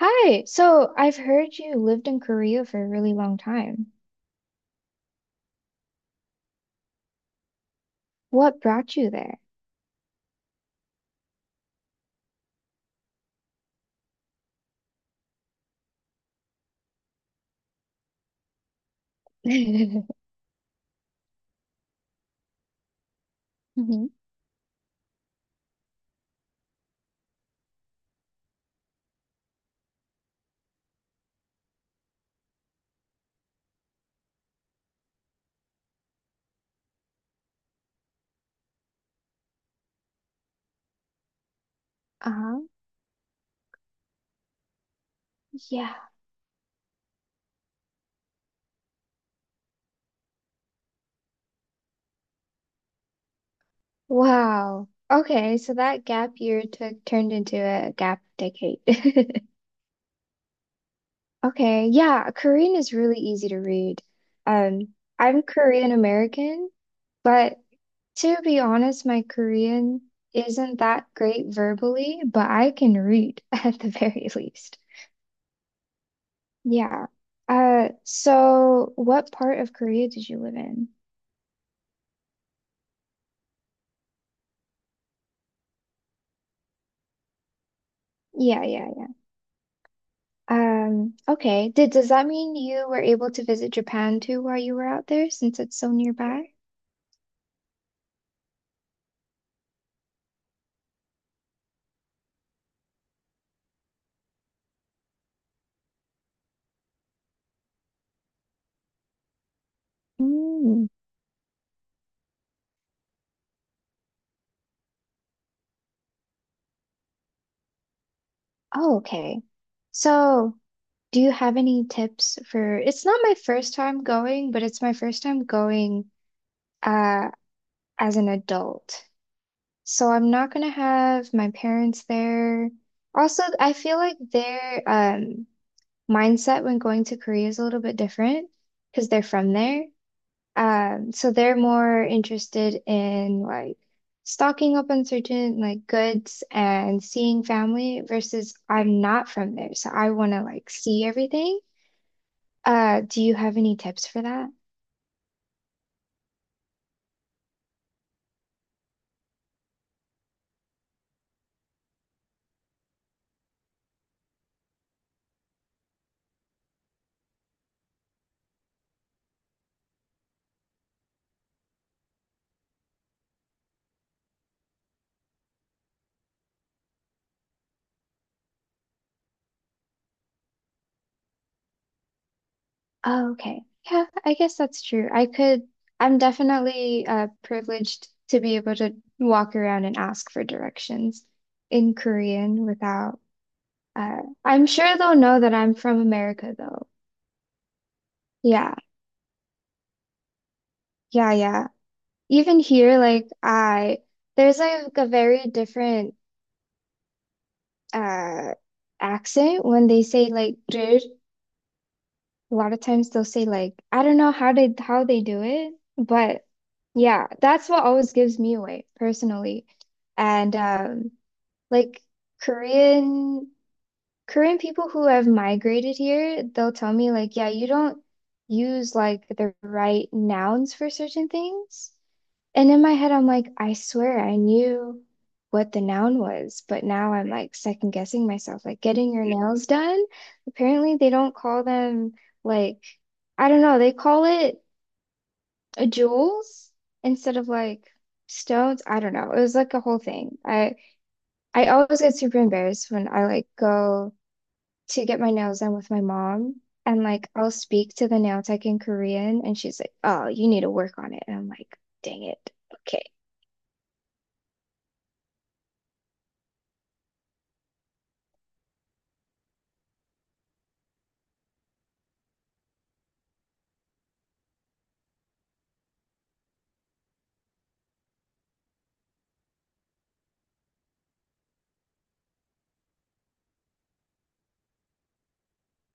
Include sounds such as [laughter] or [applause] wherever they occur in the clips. Hi, so I've heard you lived in Korea for a really long time. What brought you there? [laughs] Hmm. Uh-huh. Yeah. Wow. Okay, so that gap year took turned into a gap decade. [laughs] Okay, yeah, Korean is really easy to read. Um, I'm Korean American, but to be honest, my Korean isn't that great verbally, but I can read [laughs] at the very least. Yeah. So what part of Korea did you live in? Yeah, yeah, yeah. Okay. Did does that mean you were able to visit Japan too while you were out there since it's so nearby? Mm. Oh, okay. So, do you have any tips for it's not my first time going, but it's my first time going uh as an adult. So I'm not gonna have my parents there. Also, I feel like they're mindset when going to Korea is a little bit different because they're from there. So they're more interested in like stocking up on certain like goods and seeing family versus I'm not from there, so I want to like see everything. Do you have any tips for that? Oh, okay. Yeah, I guess that's true. I'm definitely privileged to be able to walk around and ask for directions in Korean without. Uh, I'm sure they'll know that I'm from America, though. Yeah, yeah, yeah. Even here, there's like a very different uh accent when they say like "dude." A lot of times they'll say like I don't know how they do it, but yeah, that's what always gives me away personally. And like Korean. Korean people who have migrated here, they'll tell me like, yeah, you don't use like the right nouns for certain things. And in my head, I'm like, I swear I knew what the noun was, but now I'm like second guessing myself, like getting your nails done. Apparently, they don't call them like, I don't know, they call it jewels instead of like stones. I don't know. It was like a whole thing. I always get super embarrassed when I like go to get my nails done with my mom. And like I'll speak to the nail tech in Korean and she's like, "Oh, you need to work on it." And I'm like, "Dang it. Okay.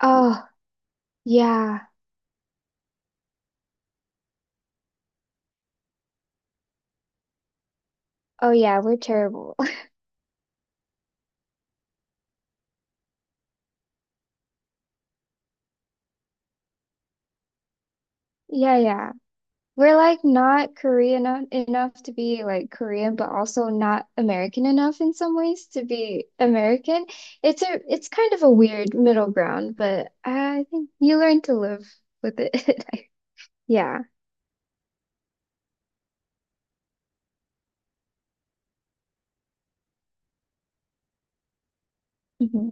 Oh, yeah. Oh yeah, we're terrible." [laughs] Yeah, yeah. We're like not Korean enough to be like Korean, but also not American enough in some ways to be American. It's kind of a weird middle ground, but I think you learn to live with it. [laughs] Yeah. Mhm.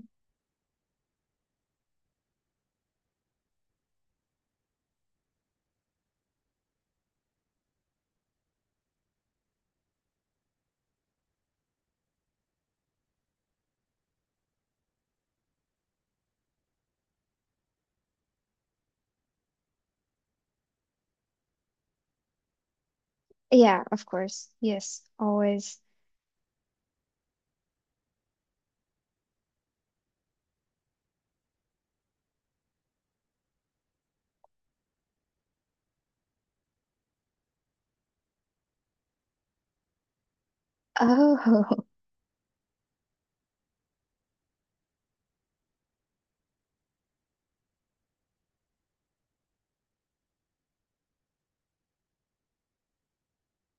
Yeah, of course. Yes, always. Oh,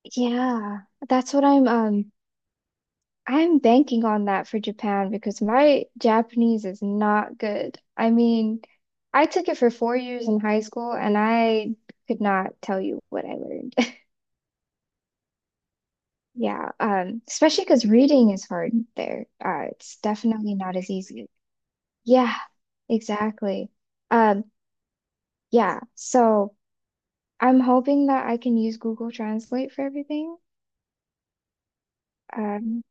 [laughs] yeah. That's what I'm banking on that for Japan because my Japanese is not good. I mean, I took it for 4 years in high school and I could not tell you what I learned. [laughs] Yeah, especially because reading is hard there. It's definitely not as easy. Yeah, exactly. Um, yeah, so I'm hoping that I can use Google Translate for everything. Um.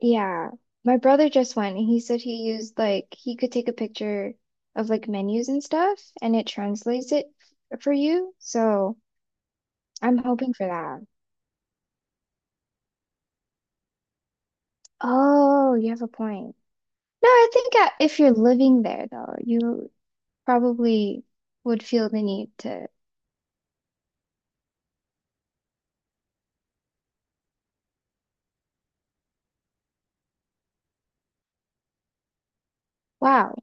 Yeah, my brother just went and he said he used like he could take a picture of like menus and stuff and it translates it for you. So I'm hoping for that. Oh, you have a point. No, I think if you're living there though, you probably would feel the need to. Wow.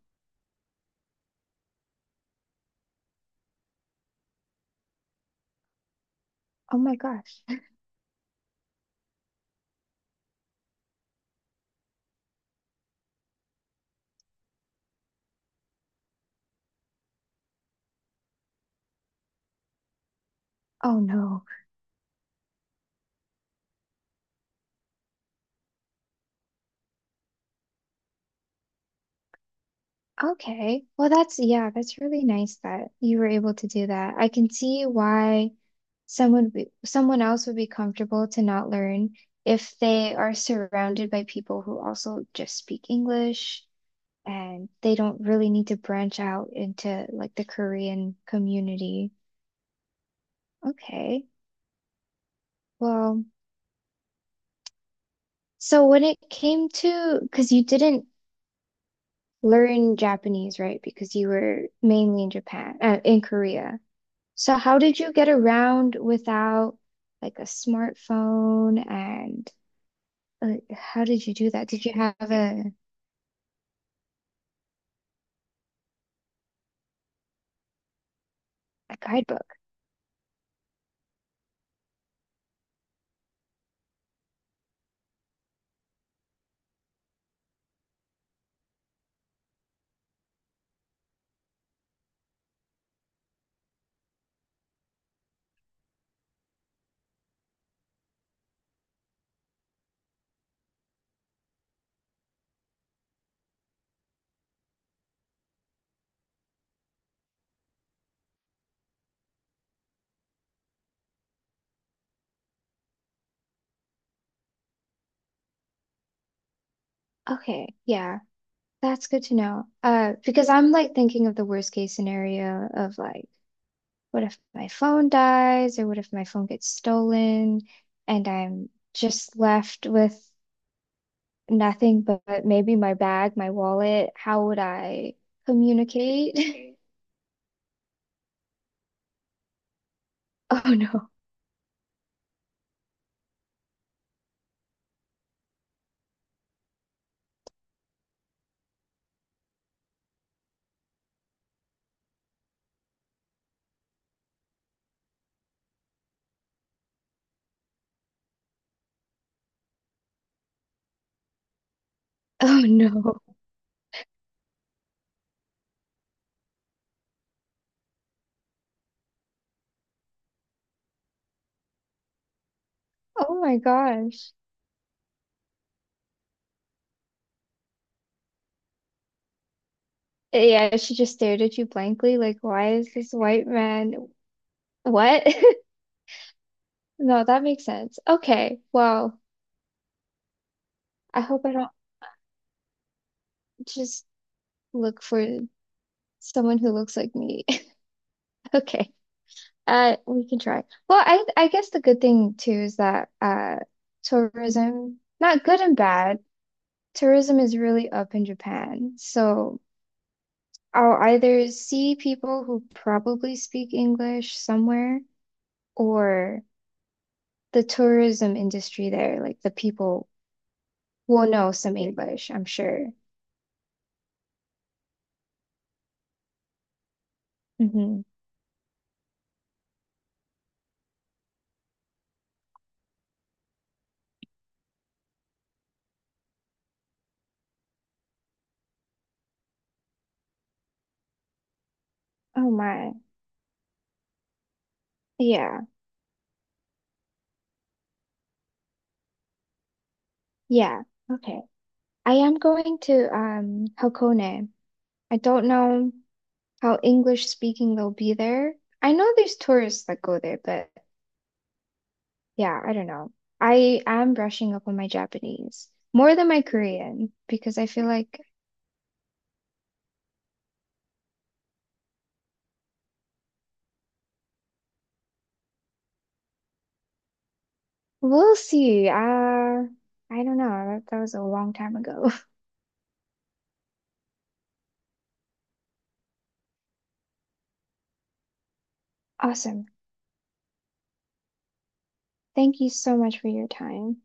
Oh my gosh. [laughs] Oh no. Okay. Well, that's, yeah, that's really nice that you were able to do that. I can see why someone else would be comfortable to not learn if they are surrounded by people who also just speak English and they don't really need to branch out into like the Korean community. Okay. Well, so when it came to, because you didn't learn Japanese, right? Because you were mainly in Japan, in Korea. So how did you get around without like a smartphone and how did you do that? Did you have a guidebook? Okay, yeah, that's good to know. Because I'm like thinking of the worst case scenario of like, what if my phone dies or what if my phone gets stolen and I'm just left with nothing but maybe my bag, my wallet? How would I communicate? [laughs] Oh no. Oh no. Oh my gosh. Yeah, she just stared at you blankly, like, why is this white man? What? [laughs] No, that makes sense. Okay, well, I hope I don't just look for someone who looks like me. [laughs] Okay, we can try. Well, I guess the good thing too is that tourism, not good and bad, tourism is really up in Japan. So I'll either see people who probably speak English somewhere, or the tourism industry there, like the people will know some English, I'm sure. Hmm. Oh my. Yeah. Yeah. Okay. I am going to Hakone. I don't know how English speaking they'll be there. I know there's tourists that go there, but yeah, I don't know. I am brushing up on my Japanese more than my Korean because I feel like we'll see. I don't know. That was a long time ago. [laughs] Awesome. Thank you so much for your time.